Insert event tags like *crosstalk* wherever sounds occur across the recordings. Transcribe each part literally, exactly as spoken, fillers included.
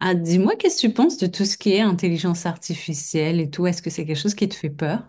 Ah, dis-moi, qu'est-ce que tu penses de tout ce qui est intelligence artificielle et tout? Est-ce que c'est quelque chose qui te fait peur?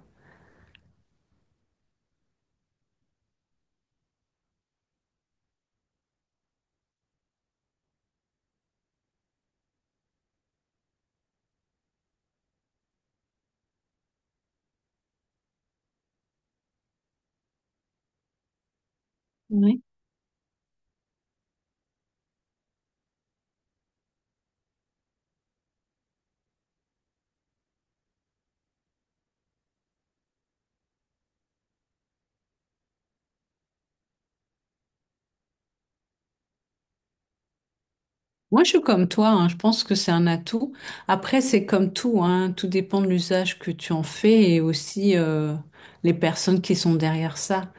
Moi, je suis comme toi, hein, je pense que c'est un atout. Après, c'est comme tout, hein, tout dépend de l'usage que tu en fais et aussi euh, les personnes qui sont derrière ça.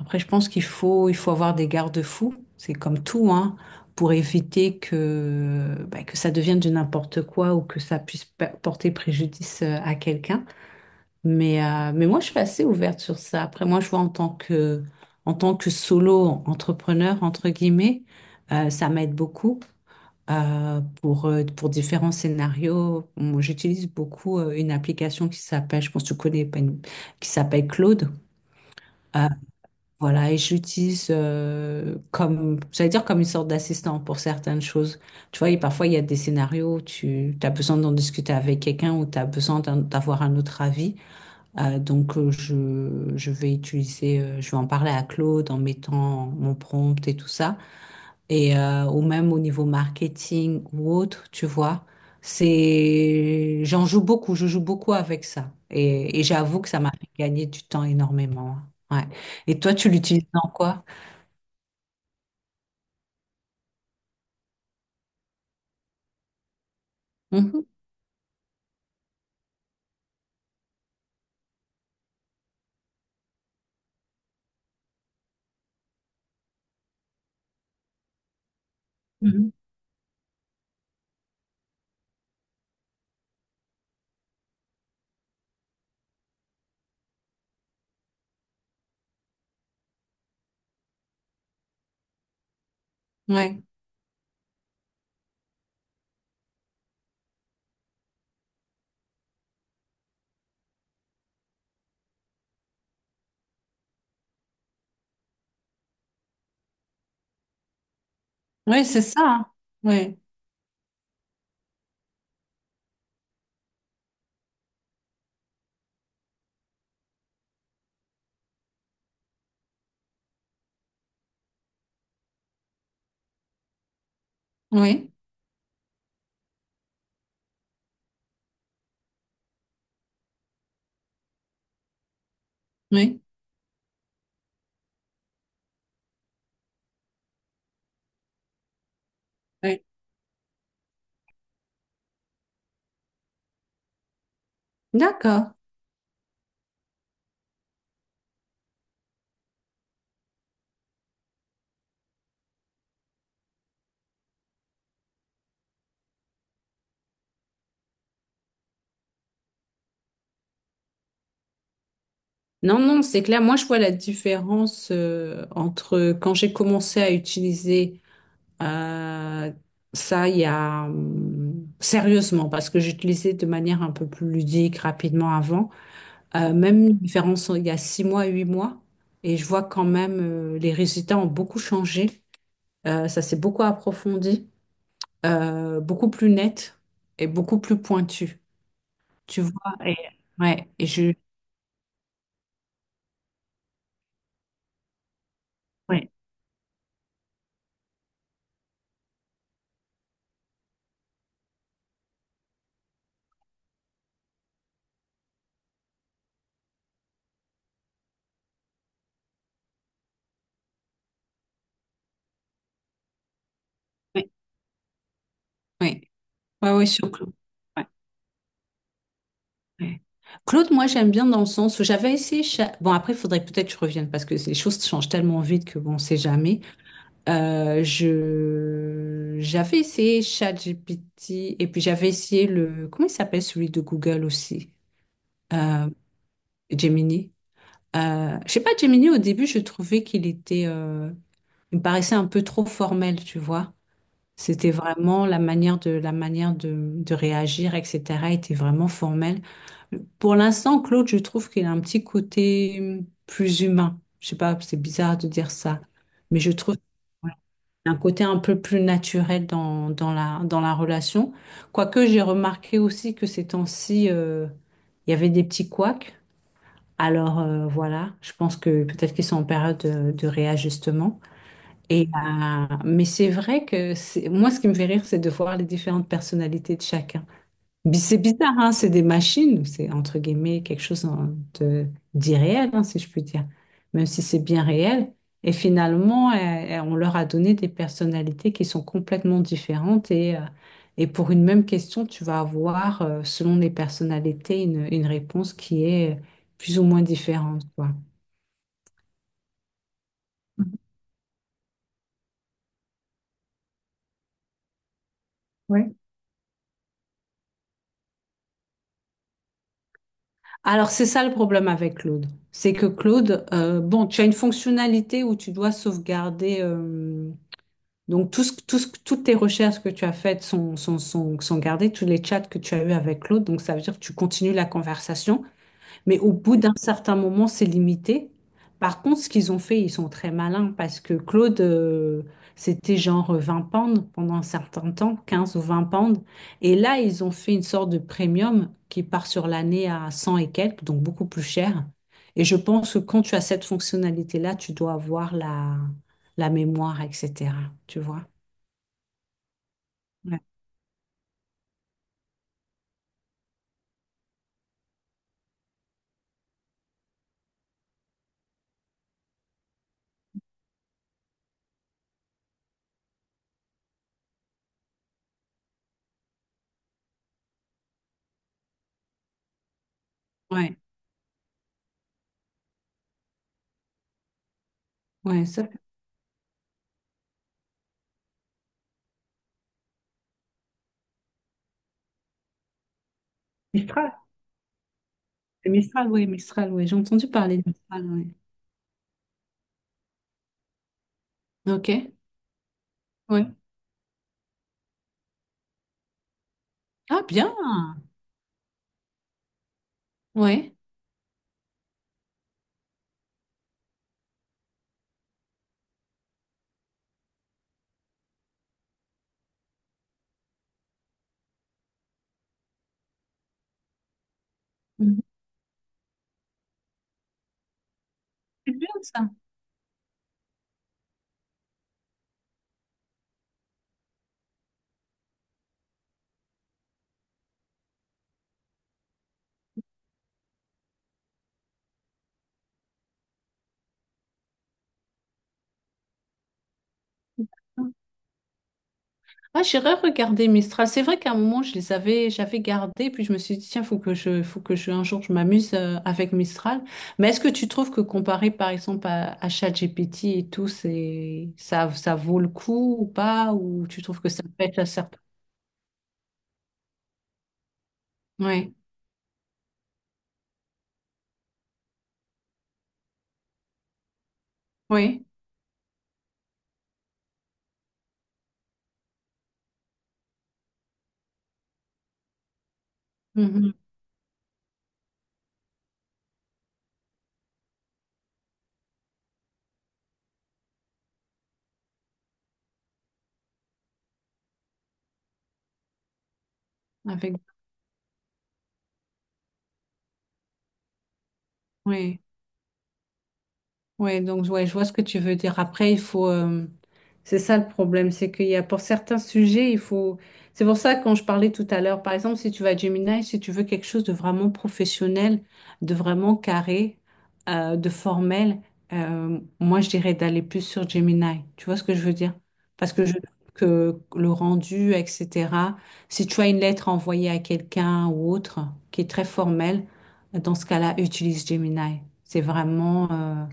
Après, je pense qu'il faut, il faut avoir des garde-fous, c'est comme tout, hein, pour éviter que, bah, que ça devienne de n'importe quoi ou que ça puisse pa- porter préjudice euh, à quelqu'un. Mais, euh, mais moi, je suis assez ouverte sur ça. Après, moi, je vois en tant que, en tant que solo entrepreneur, entre guillemets, euh, ça m'aide beaucoup euh, pour, euh, pour différents scénarios. Moi, j'utilise beaucoup euh, une application qui s'appelle, je pense que tu connais, pas une- qui s'appelle Claude. Euh, voilà, et j'utilise euh, comme, j'allais dire comme une sorte d'assistant pour certaines choses. Tu vois, et parfois, il y a des scénarios où tu as besoin d'en discuter avec quelqu'un ou tu as besoin d'un- d'avoir un autre avis. Euh, donc, euh, je, je vais utiliser, euh, je vais en parler à Claude en mettant mon prompt et tout ça. Et euh, ou même au niveau marketing ou autre, tu vois, c'est, j'en joue beaucoup, je joue beaucoup avec ça. Et, et j'avoue que ça m'a fait gagner du temps énormément, hein. Ouais. Et toi, tu l'utilises dans quoi? Mhm, mhm. Ouais. Ouais, c'est ça, hein. Ouais. Oui. Oui. Oui. D'accord. Non, non, c'est clair. Moi, je vois la différence euh, entre quand j'ai commencé à utiliser euh, ça il y a hum, sérieusement, parce que j'utilisais de manière un peu plus ludique rapidement avant. Euh, même une différence il y a six mois, huit mois, et je vois quand même euh, les résultats ont beaucoup changé. Euh, ça s'est beaucoup approfondi, euh, beaucoup plus net et beaucoup plus pointu. Tu vois, et ouais, et je ouais, ouais, ouais, ouais, ouais, surtout. Ouais. Claude, moi j'aime bien dans le sens où j'avais essayé. cha- Bon, après, il faudrait peut-être que je revienne parce que les choses changent tellement vite que bon, on sait jamais. Euh, je... J'avais essayé ChatGPT et puis j'avais essayé le. Comment il s'appelle celui de Google aussi? Euh, Gemini. Euh, je sais pas, Gemini, au début, je trouvais qu'il était. euh, Il me paraissait un peu trop formel, tu vois. C'était vraiment la manière de, la manière de, de réagir, et cetera était vraiment formelle. Pour l'instant, Claude, je trouve qu'il a un petit côté hum, plus humain. Je sais pas, c'est bizarre de dire ça, mais je trouve voilà, un côté un peu plus naturel dans, dans la, dans la relation. Quoique j'ai remarqué aussi que ces temps-ci, euh, il y avait des petits couacs. Alors euh, voilà, je pense que peut-être qu'ils sont en période de, de réajustement. Et, euh, mais c'est vrai que c'est, moi, ce qui me fait rire, c'est de voir les différentes personnalités de chacun. Bi- C'est bizarre, hein, c'est des machines, c'est entre guillemets quelque chose en- de- d'irréel, hein, si je puis dire, même si c'est bien réel. Et finalement, euh, euh, on leur a donné des personnalités qui sont complètement différentes et, euh, et pour une même question, tu vas avoir, euh, selon les personnalités, une, une réponse qui est euh, plus ou moins différente, quoi. Ouais. Alors, c'est ça le problème avec Claude. C'est que Claude, euh, bon, tu as une fonctionnalité où tu dois sauvegarder. euh, Donc, tout ce, tout ce- toutes tes recherches que tu as faites sont, sont, sont, sont gardées, tous les chats que tu as eus avec l'autre. Donc, ça veut dire que tu continues la conversation, mais au bout d'un certain moment, c'est limité. Par contre, ce qu'ils ont fait, ils sont très malins parce que Claude, euh, c'était genre vingt pounds pendant un certain temps, quinze ou vingt pounds. Et là, ils ont fait une sorte de premium qui part sur l'année à cent et quelques, donc beaucoup plus cher. Et je pense que quand tu as cette fonctionnalité-là, tu dois avoir la, la mémoire, et cetera. Tu vois? Ouais, ouais, ouais, ça. Mistral. C'est Mistral, oui, Mistral, oui. J'ai entendu parler de Mistral, oui. Ok, ouais. Ah, bien. Ouais. Mhm. C'est bien ça. Ah, j'irai regarder Mistral. C'est vrai qu'à un moment, je les avais, j'avais gardés, puis je me suis dit, tiens, faut que je, faut que je, un jour, je m'amuse euh, avec Mistral. Mais est-ce que tu trouves que comparé, par exemple, à, à ChatGPT et tout, c'est, ça, ça vaut le coup ou pas? Ou tu trouves que ça pète la serpe? Oui, oui. Mhm. Avec, oui. Ouais, donc ouais, je vois ce que tu veux dire. Après, il faut, euh, c'est ça le problème, c'est qu'il y a pour certains sujets, il faut. C'est pour ça que quand je parlais tout à l'heure, par exemple, si tu vas à Gemini, si tu veux quelque chose de vraiment professionnel, de vraiment carré, euh, de formel, euh, moi je dirais d'aller plus sur Gemini. Tu vois ce que je veux dire? Parce que je que le rendu, et cetera. Si tu as une lettre à envoyer à quelqu'un ou autre qui est très formelle, dans ce cas-là, utilise Gemini. C'est vraiment. euh,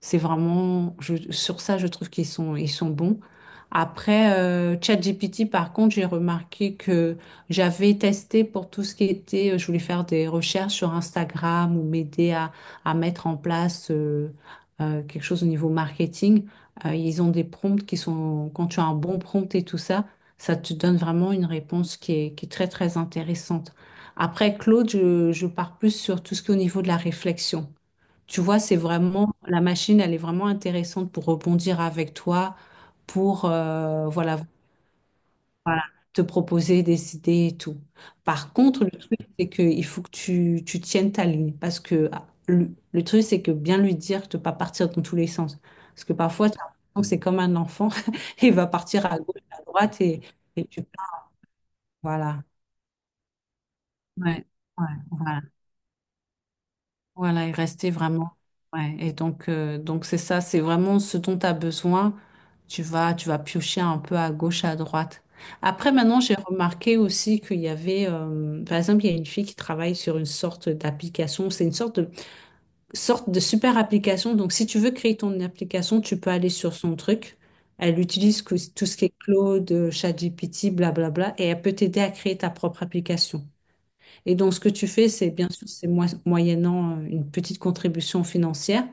C'est vraiment, je- sur ça, je trouve qu'ils sont, ils sont bons. Après, euh, ChatGPT, par contre, j'ai remarqué que j'avais testé pour tout ce qui était, euh, je voulais faire des recherches sur Instagram ou m'aider à, à mettre en place euh, euh, quelque chose au niveau marketing. Euh, ils ont des prompts qui sont, quand tu as un bon prompt et tout ça, ça te donne vraiment une réponse qui est, qui est très, très intéressante. Après, Claude, je, je pars plus sur tout ce qui est au niveau de la réflexion. Tu vois, c'est vraiment, la machine, elle est vraiment intéressante pour rebondir avec toi, pour euh, voilà, voilà, te proposer des idées et tout. Par contre, le truc, c'est qu'il faut que tu, tu tiennes ta ligne. Parce que ah, le, le truc, c'est que bien lui dire de ne pas partir dans tous les sens. Parce que parfois, t'as l'impression que c'est comme un enfant, *laughs* il va partir à gauche, à droite, et, et tu... Voilà. Ouais, ouais, voilà. Voilà, et rester vraiment. Ouais. Et donc, euh, donc c'est ça, c'est vraiment ce dont tu as besoin. Tu vas, tu vas piocher un peu à gauche, à droite. Après, maintenant, j'ai remarqué aussi qu'il y avait, euh, par exemple, il y a une fille qui travaille sur une sorte d'application. C'est une sorte de, sorte de super application. Donc, si tu veux créer ton application, tu peux aller sur son truc. Elle utilise que- tout ce qui est Claude, ChatGPT, blablabla, et elle peut t'aider à créer ta propre application. Et donc, ce que tu fais, c'est bien sûr, c'est moi- moyennant euh, une petite contribution financière.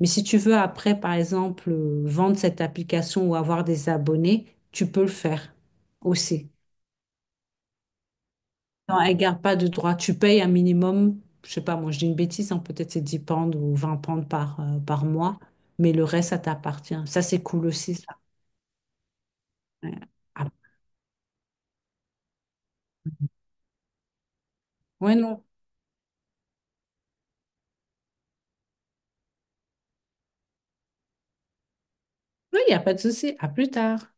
Mais si tu veux après, par exemple, euh, vendre cette application ou avoir des abonnés, tu peux le faire aussi. Non, elle garde pas de droit. Tu payes un minimum, je sais pas, moi je dis une bêtise, hein, peut-être c'est dix pounds ou vingt pounds par, euh, par mois, mais le reste, ça t'appartient. Ça, c'est cool aussi, ça. Ouais, ah. Ouais, non. Oui, il n'y a pas de souci. À plus tard.